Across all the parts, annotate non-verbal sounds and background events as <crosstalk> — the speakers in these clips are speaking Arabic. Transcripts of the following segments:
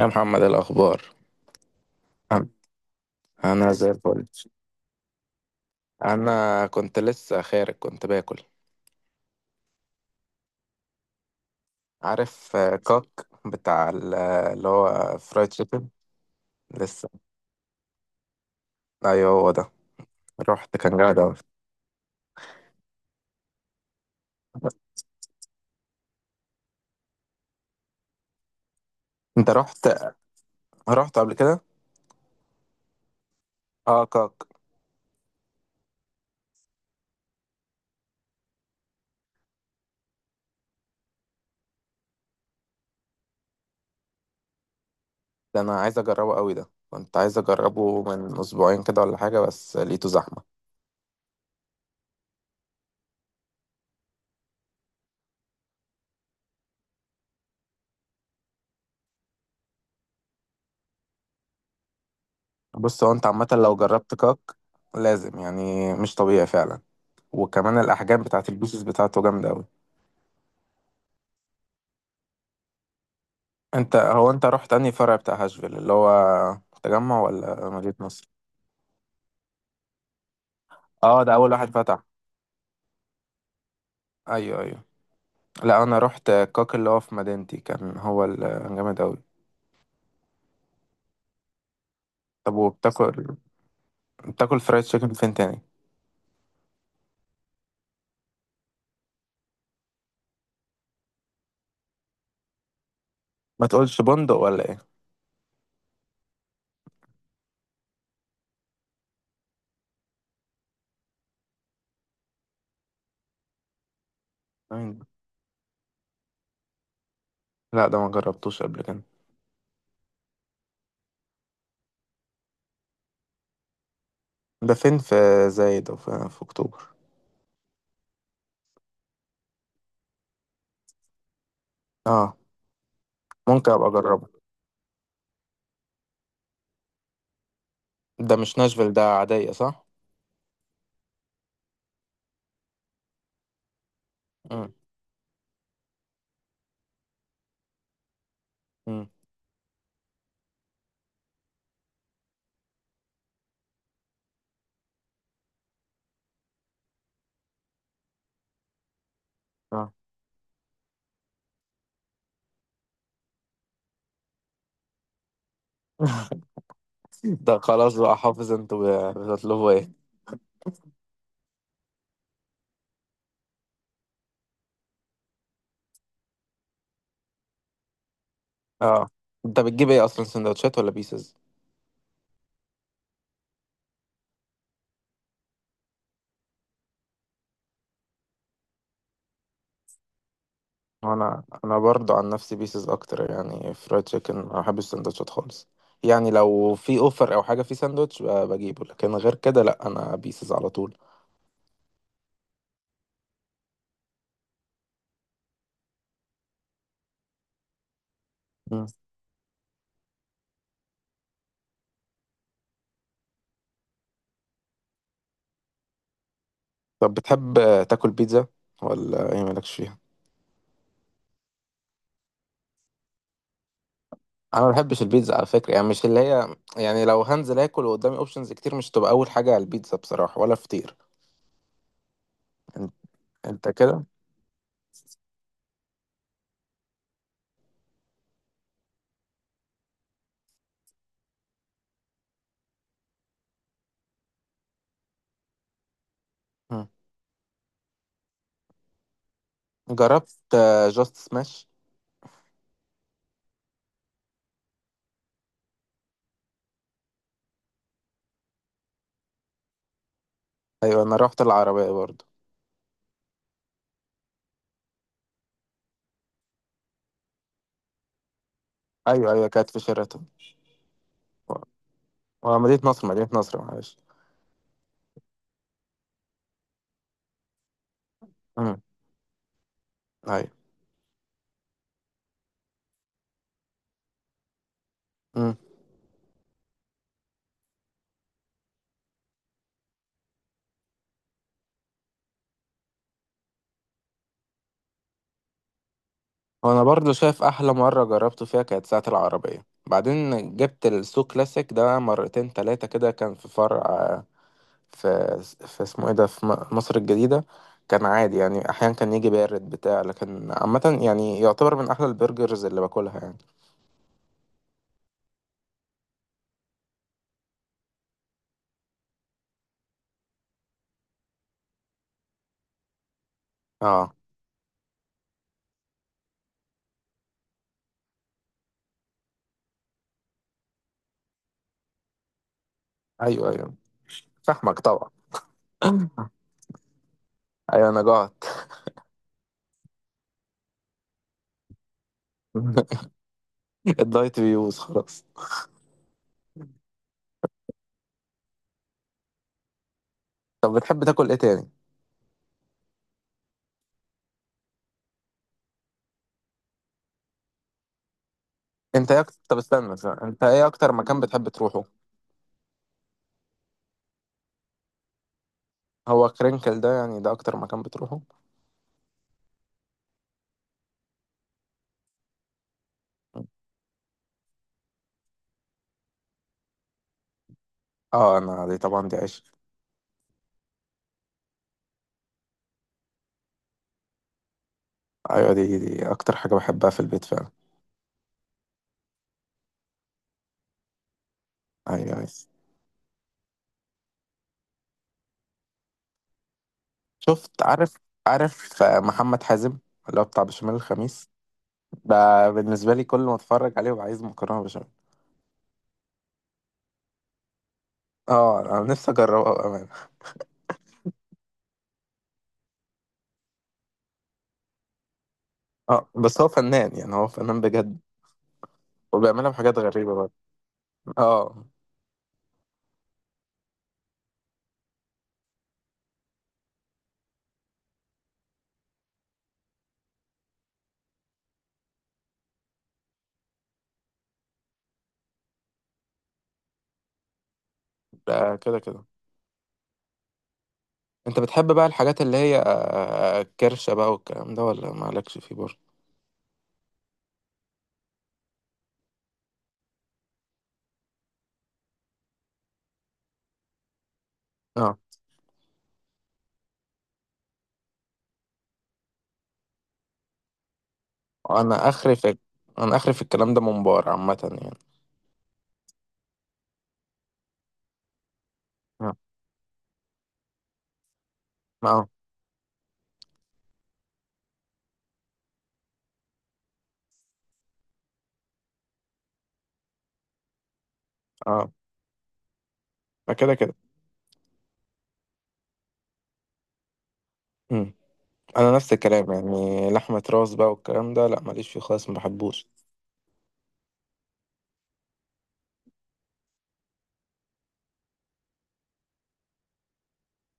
يا محمد، إيه الأخبار؟ أنا أنا زي الفل. أنا كنت لسه خارج، كنت باكل. عارف كاك بتاع اللي هو فرايد تشيكن. لسه. أيوه، هو ده. رحت، كان جامد أوي. أنت رحت قبل كده؟ أه، كاك. ده أنا عايز أجربه أوي، ده كنت عايز أجربه من أسبوعين كده ولا حاجة، بس لقيته زحمة. بص، هو أنت عامة لو جربت كاك لازم، يعني مش طبيعي فعلا. وكمان الأحجام بتاعت البيسز بتاعته جامدة أوي. انت رحت انهي فرع بتاع هاشفيل اللي هو التجمع ولا مدينة نصر؟ اه، ده اول واحد فتح. ايوه، ايوه. لا، انا رحت كاك اللي هو في مدينتي، كان هو جامد اوي. طب وبتاكل فرايد تشيكن فين تاني؟ ما تقولش بندق ولا ايه؟ مين ده؟ لا، ده ما جربتوش قبل كده. ده فين، في زايد او في اكتوبر؟ اه، ممكن ابقى اجربه. ده مش ناشفيل، ده عادية، صح؟ امم. امم. اه، ده خلاص بقى حافظ انتوا بتطلبوا ايه. اه، انت بتجيب ايه اصلا، سندوتشات ولا بيسز؟ انا برضو عن نفسي بيسز اكتر، يعني فرايد تشيكن ما بحبش السندوتشات خالص. يعني لو في اوفر او حاجه في ساندوتش بجيبه، لكن غير كده لا، انا بيسز على طول. مم. طب بتحب تاكل بيتزا ولا ايه، مالكش فيها؟ انا ما بحبش البيتزا على فكره، يعني مش اللي هي، يعني لو هنزل اكل وقدامي اوبشنز كتير مش تبقى اول حاجه على البيتزا بصراحه، ولا فطير. انت, انت كده. مم. جربت جاست سماش؟ ايوه، انا رحت العربيه برضو. ايوه، ايوه، كانت في شيراتون. مدينه نصر، مدينه نصر، معلش. أيوة. مم. وأنا برضو شايف أحلى مرة جربته فيها كانت ساعة العربية. بعدين جبت السو كلاسيك ده مرتين تلاتة كده، كان في فرع في في اسمه إيه ده، في مصر الجديدة. كان عادي يعني، أحيانا كان يجي بارد بتاع، لكن عامة يعني يعتبر من أحلى البرجرز اللي باكلها يعني. اه. أيوه، أيوه. فاهمك طبعا. <laughs> أيوه، أنا جعت. <laughs> الدايت بيبوظ خلاص. طب بتحب تاكل إيه تاني؟ أنت إيه أكتر طب استنى، استنى. أنت إيه أكتر مكان بتحب تروحه؟ هو كرينكل ده يعني ده اكتر مكان بتروحه؟ اه، انا دي طبعا، دي عيش. ايوه، دي اكتر حاجه بحبها في البيت فعلا. ايوه، أيوة. شفت عارف عارف محمد حازم اللي هو بتاع بشاميل الخميس، ده بالنسبه لي كل ما اتفرج عليه ببقى عايز مكرونه بشاميل. اه، انا نفسي اجربه بامانه. اه، بس هو فنان، يعني هو فنان بجد. وبيعملها بحاجات غريبه برضه. اه. ده كده كده. انت بتحب بقى الحاجات اللي هي كرشه بقى والكلام ده، ولا مالكش فيه برضه؟ اه، انا اخري في انا اخري في الكلام ده منبار عامه يعني. اه، اه. آه. فكده كده. مم. انا نفس الكلام، يعني لحمه راس بقى والكلام ده لا، ماليش فيه خالص، ما بحبوش.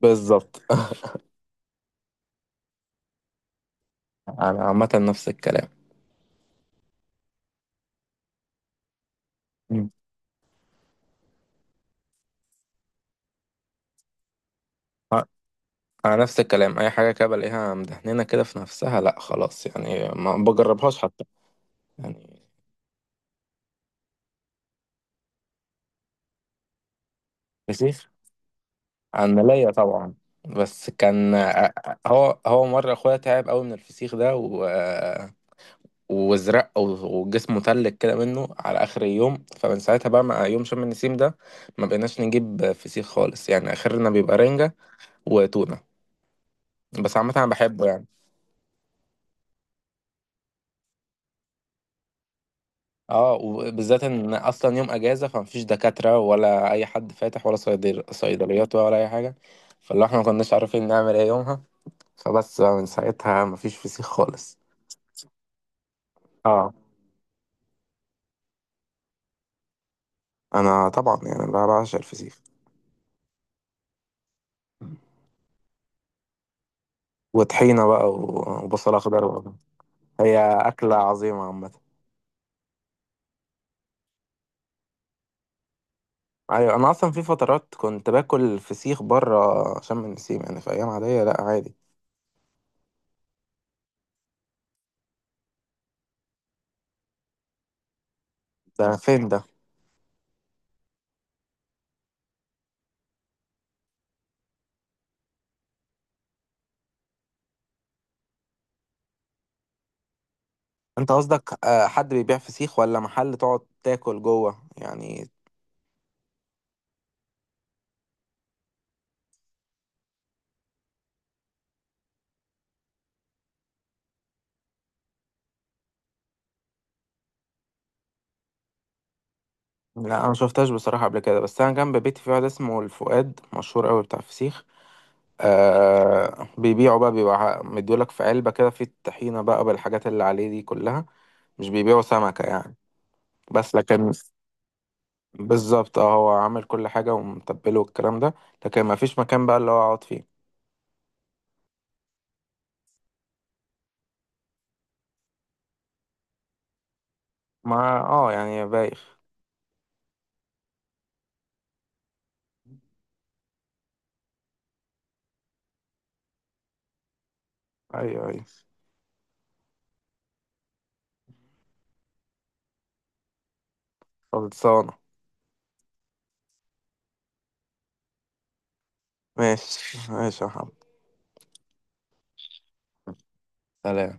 بالظبط. <laughs> انا عامه نفس الكلام. مم. آه، انا نفس الكلام، اي حاجه كده بلاقيها مدهنينه كده في نفسها لا خلاص، يعني ما بجربهاش حتى. يعني فسيخ، انا ليا طبعا، بس كان هو مره اخويا تعب قوي من الفسيخ ده، وازرق وجسمه تلج كده منه على اخر اليوم. فمن ساعتها بقى مع يوم شم النسيم ده ما بقيناش نجيب فسيخ خالص، يعني اخرنا بيبقى رنجة وتونة. بس عامة انا بحبه يعني. اه، وبالذات ان اصلا يوم اجازة، فمفيش دكاترة ولا اي حد فاتح ولا صيدليات ولا اي حاجة. فاللي احنا ما كناش عارفين نعمل ايه يومها، فبس بقى من ساعتها مفيش فسيخ خالص. اه، انا طبعا يعني بقى بعشق الفسيخ، وطحينة بقى وبصل اخضر بقى. هي اكلة عظيمة عامة. ايوه، انا اصلا في فترات كنت باكل فسيخ بره شم النسيم، يعني في ايام عاديه لا، عادي. ده فين ده؟ انت قصدك حد بيبيع فسيخ ولا محل تقعد تاكل جوه يعني؟ لا، انا ما شفتهاش بصراحه قبل كده، بس انا جنب بيتي في واحد اسمه الفؤاد مشهور قوي بتاع فسيخ. آه، بيبيعوا بقى، بيبقى مديولك في علبه كده في الطحينه بقى بالحاجات اللي عليه دي كلها. مش بيبيعوا سمكه يعني. بس لكن، بالظبط، اه هو عامل كل حاجه ومتبله والكلام ده. لكن ما فيش مكان بقى اللي هو اقعد فيه. مع، اه يعني بايخ. ايوه، ايوه. خلصانة. ماشي، ماشي يا محمد. سلام.